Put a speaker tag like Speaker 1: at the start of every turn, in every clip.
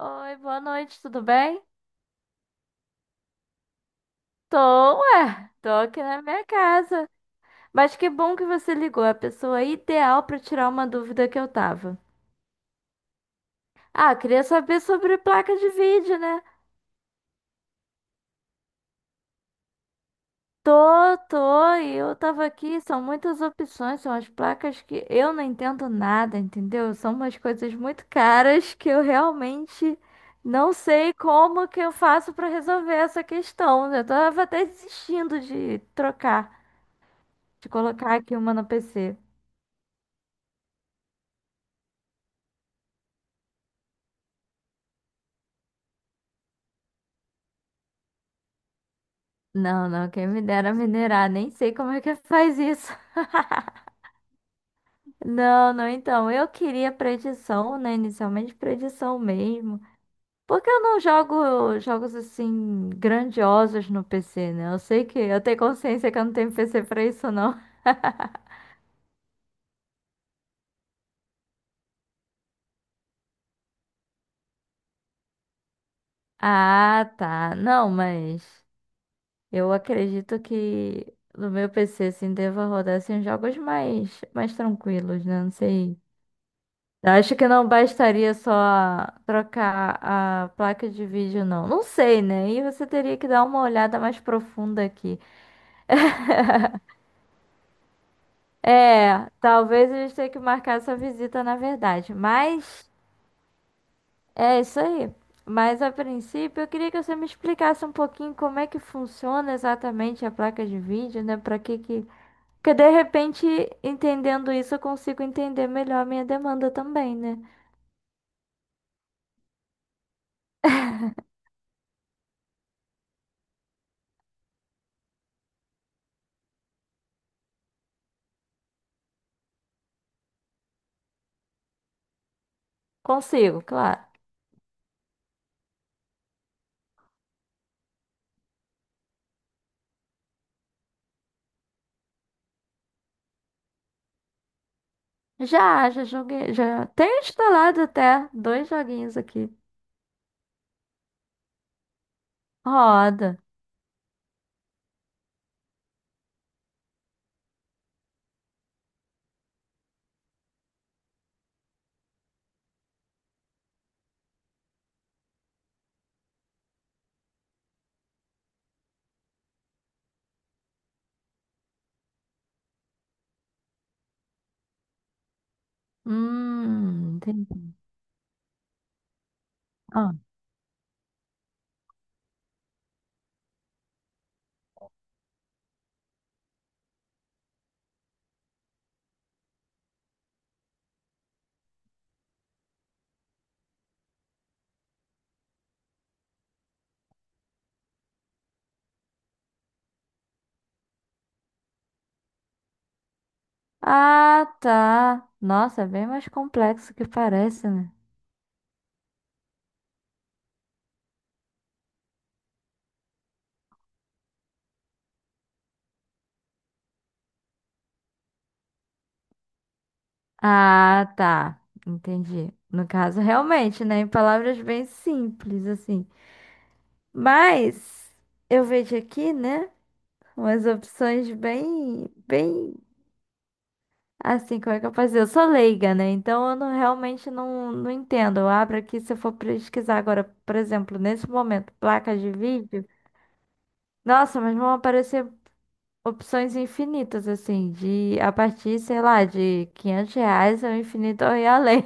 Speaker 1: Oi, boa noite, tudo bem? Tô, ué, tô aqui na minha casa. Mas que bom que você ligou, a pessoa ideal pra tirar uma dúvida que eu tava. Ah, queria saber sobre placa de vídeo, né? Tô, e eu tava aqui, são muitas opções, são as placas que eu não entendo nada, entendeu? São umas coisas muito caras que eu realmente não sei como que eu faço pra resolver essa questão. Eu tava até desistindo de trocar, de colocar aqui uma no PC. Não, não, quem me dera minerar, nem sei como é que faz isso. Não, não, então, eu queria predição, né? Inicialmente predição mesmo. Porque eu não jogo jogos assim grandiosos no PC, né? Eu sei que eu tenho consciência que eu não tenho PC pra isso, não. Ah, tá. Não, mas eu acredito que no meu PC, assim, deva rodar assim, jogos mais, mais tranquilos, né? Não sei. Eu acho que não bastaria só trocar a placa de vídeo, não. Não sei, né? E você teria que dar uma olhada mais profunda aqui. É, talvez a gente tenha que marcar essa visita, na verdade. Mas é isso aí. Mas a princípio, eu queria que você me explicasse um pouquinho como é que funciona exatamente a placa de vídeo, né? Pra que que. Porque de repente, entendendo isso, eu consigo entender melhor a minha demanda também, né? Consigo, claro. Já, já joguei, já tenho instalado até dois joguinhos aqui. Roda. Entendi. Ah, Ah, tá. Nossa, é bem mais complexo que parece, né? Ah, tá. Entendi. No caso, realmente, né? Em palavras bem simples, assim. Mas eu vejo aqui, né? Umas opções bem, bem assim, como é que eu posso dizer? Eu sou leiga, né? Então eu não, realmente não, não entendo. Eu abro aqui, se eu for pesquisar agora, por exemplo, nesse momento, placas de vídeo, nossa, mas vão aparecer opções infinitas, assim, de a partir, sei lá, de 500 reais ao infinito e além.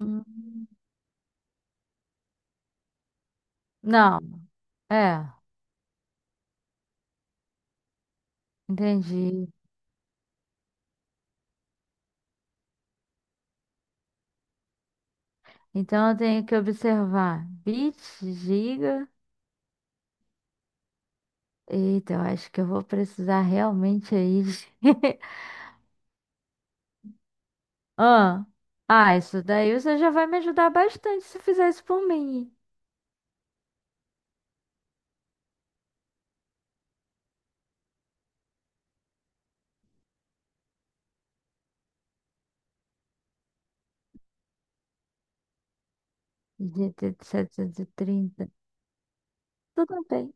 Speaker 1: Hum. Não, é, entendi. Então eu tenho que observar bits giga. Eita, eu acho que eu vou precisar realmente aí de Ah, ah, isso daí você já vai me ajudar bastante se fizer isso por mim. GT 30. Tudo bem.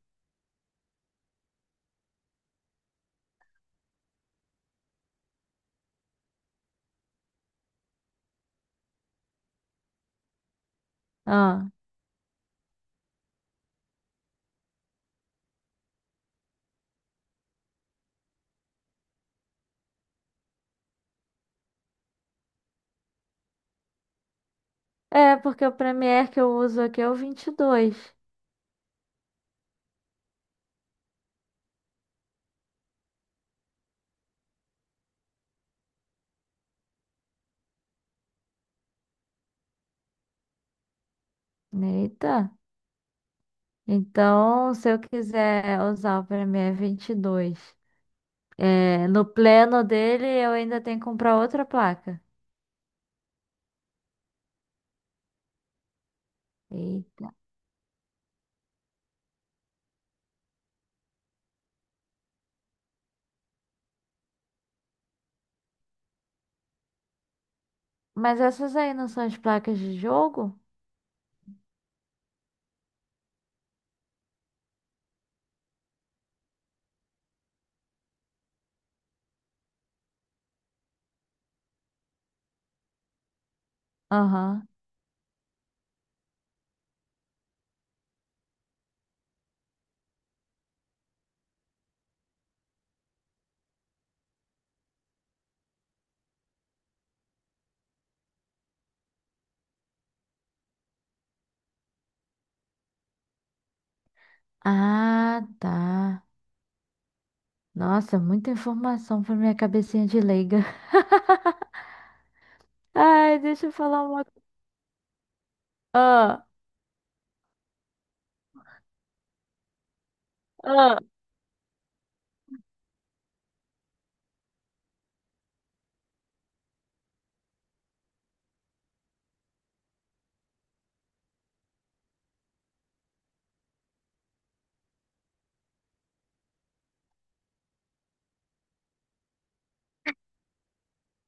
Speaker 1: Ah, é, porque o Premiere que eu uso aqui é o 22. Eita. Então, se eu quiser usar o Premiere 22, é, no pleno dele, eu ainda tenho que comprar outra placa. Eita. Mas essas aí não são as placas de jogo? Aham. Ah, tá. Nossa, muita informação para minha cabecinha de leiga. Ai, deixa eu falar uma coisa. Ah, ah,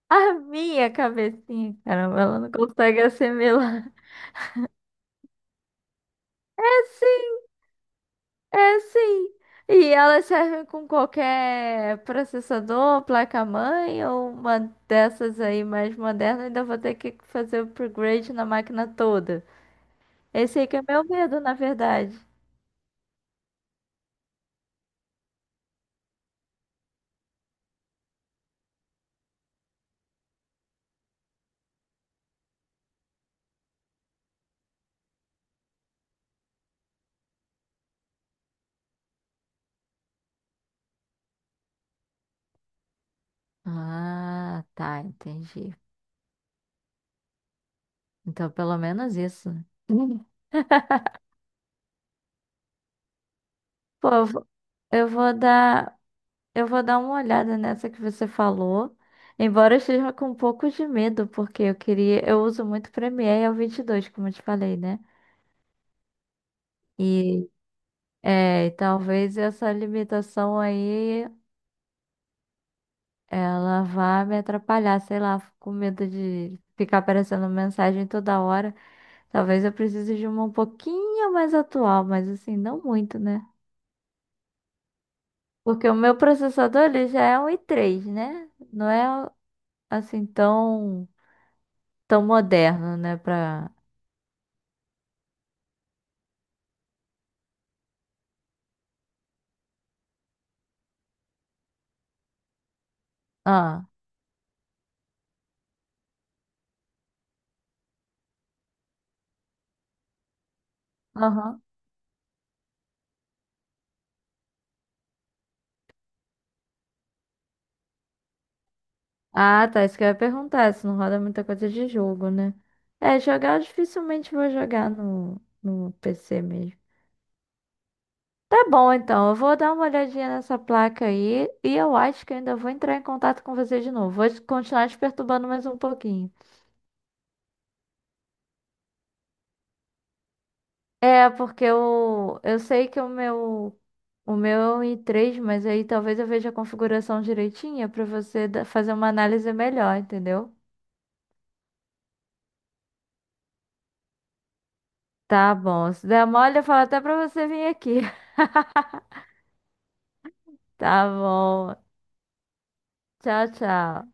Speaker 1: a minha cabecinha, caramba, ela não consegue assimilar. É sim, é sim. E elas servem com qualquer processador, placa-mãe ou uma dessas aí mais moderna. Ainda vou ter que fazer upgrade na máquina toda. Esse aí que é meu medo, na verdade. Ah, tá, entendi. Então, pelo menos isso. Pô, eu vou dar. Eu vou dar uma olhada nessa que você falou. Embora eu esteja com um pouco de medo, porque eu queria, eu uso muito Premiere e o 22, como eu te falei, né? E é, e talvez essa limitação aí ela vá me atrapalhar, sei lá, fico com medo de ficar aparecendo mensagem toda hora. Talvez eu precise de uma um pouquinho mais atual, mas assim, não muito, né? Porque o meu processador ele já é um i3, né? Não é assim tão tão moderno, né, para Ah, aham. Ah, tá. Isso que eu ia perguntar, se não roda muita coisa de jogo, né? É, jogar eu dificilmente vou jogar no PC mesmo. Tá bom, então. Eu vou dar uma olhadinha nessa placa aí e eu acho que eu ainda vou entrar em contato com você de novo. Vou continuar te perturbando mais um pouquinho. É, porque eu sei que o meu é um i3, mas aí talvez eu veja a configuração direitinha pra você fazer uma análise melhor, entendeu? Tá bom. Se der mole, eu falo até pra você vir aqui. Tá bom. Tchau, tchau.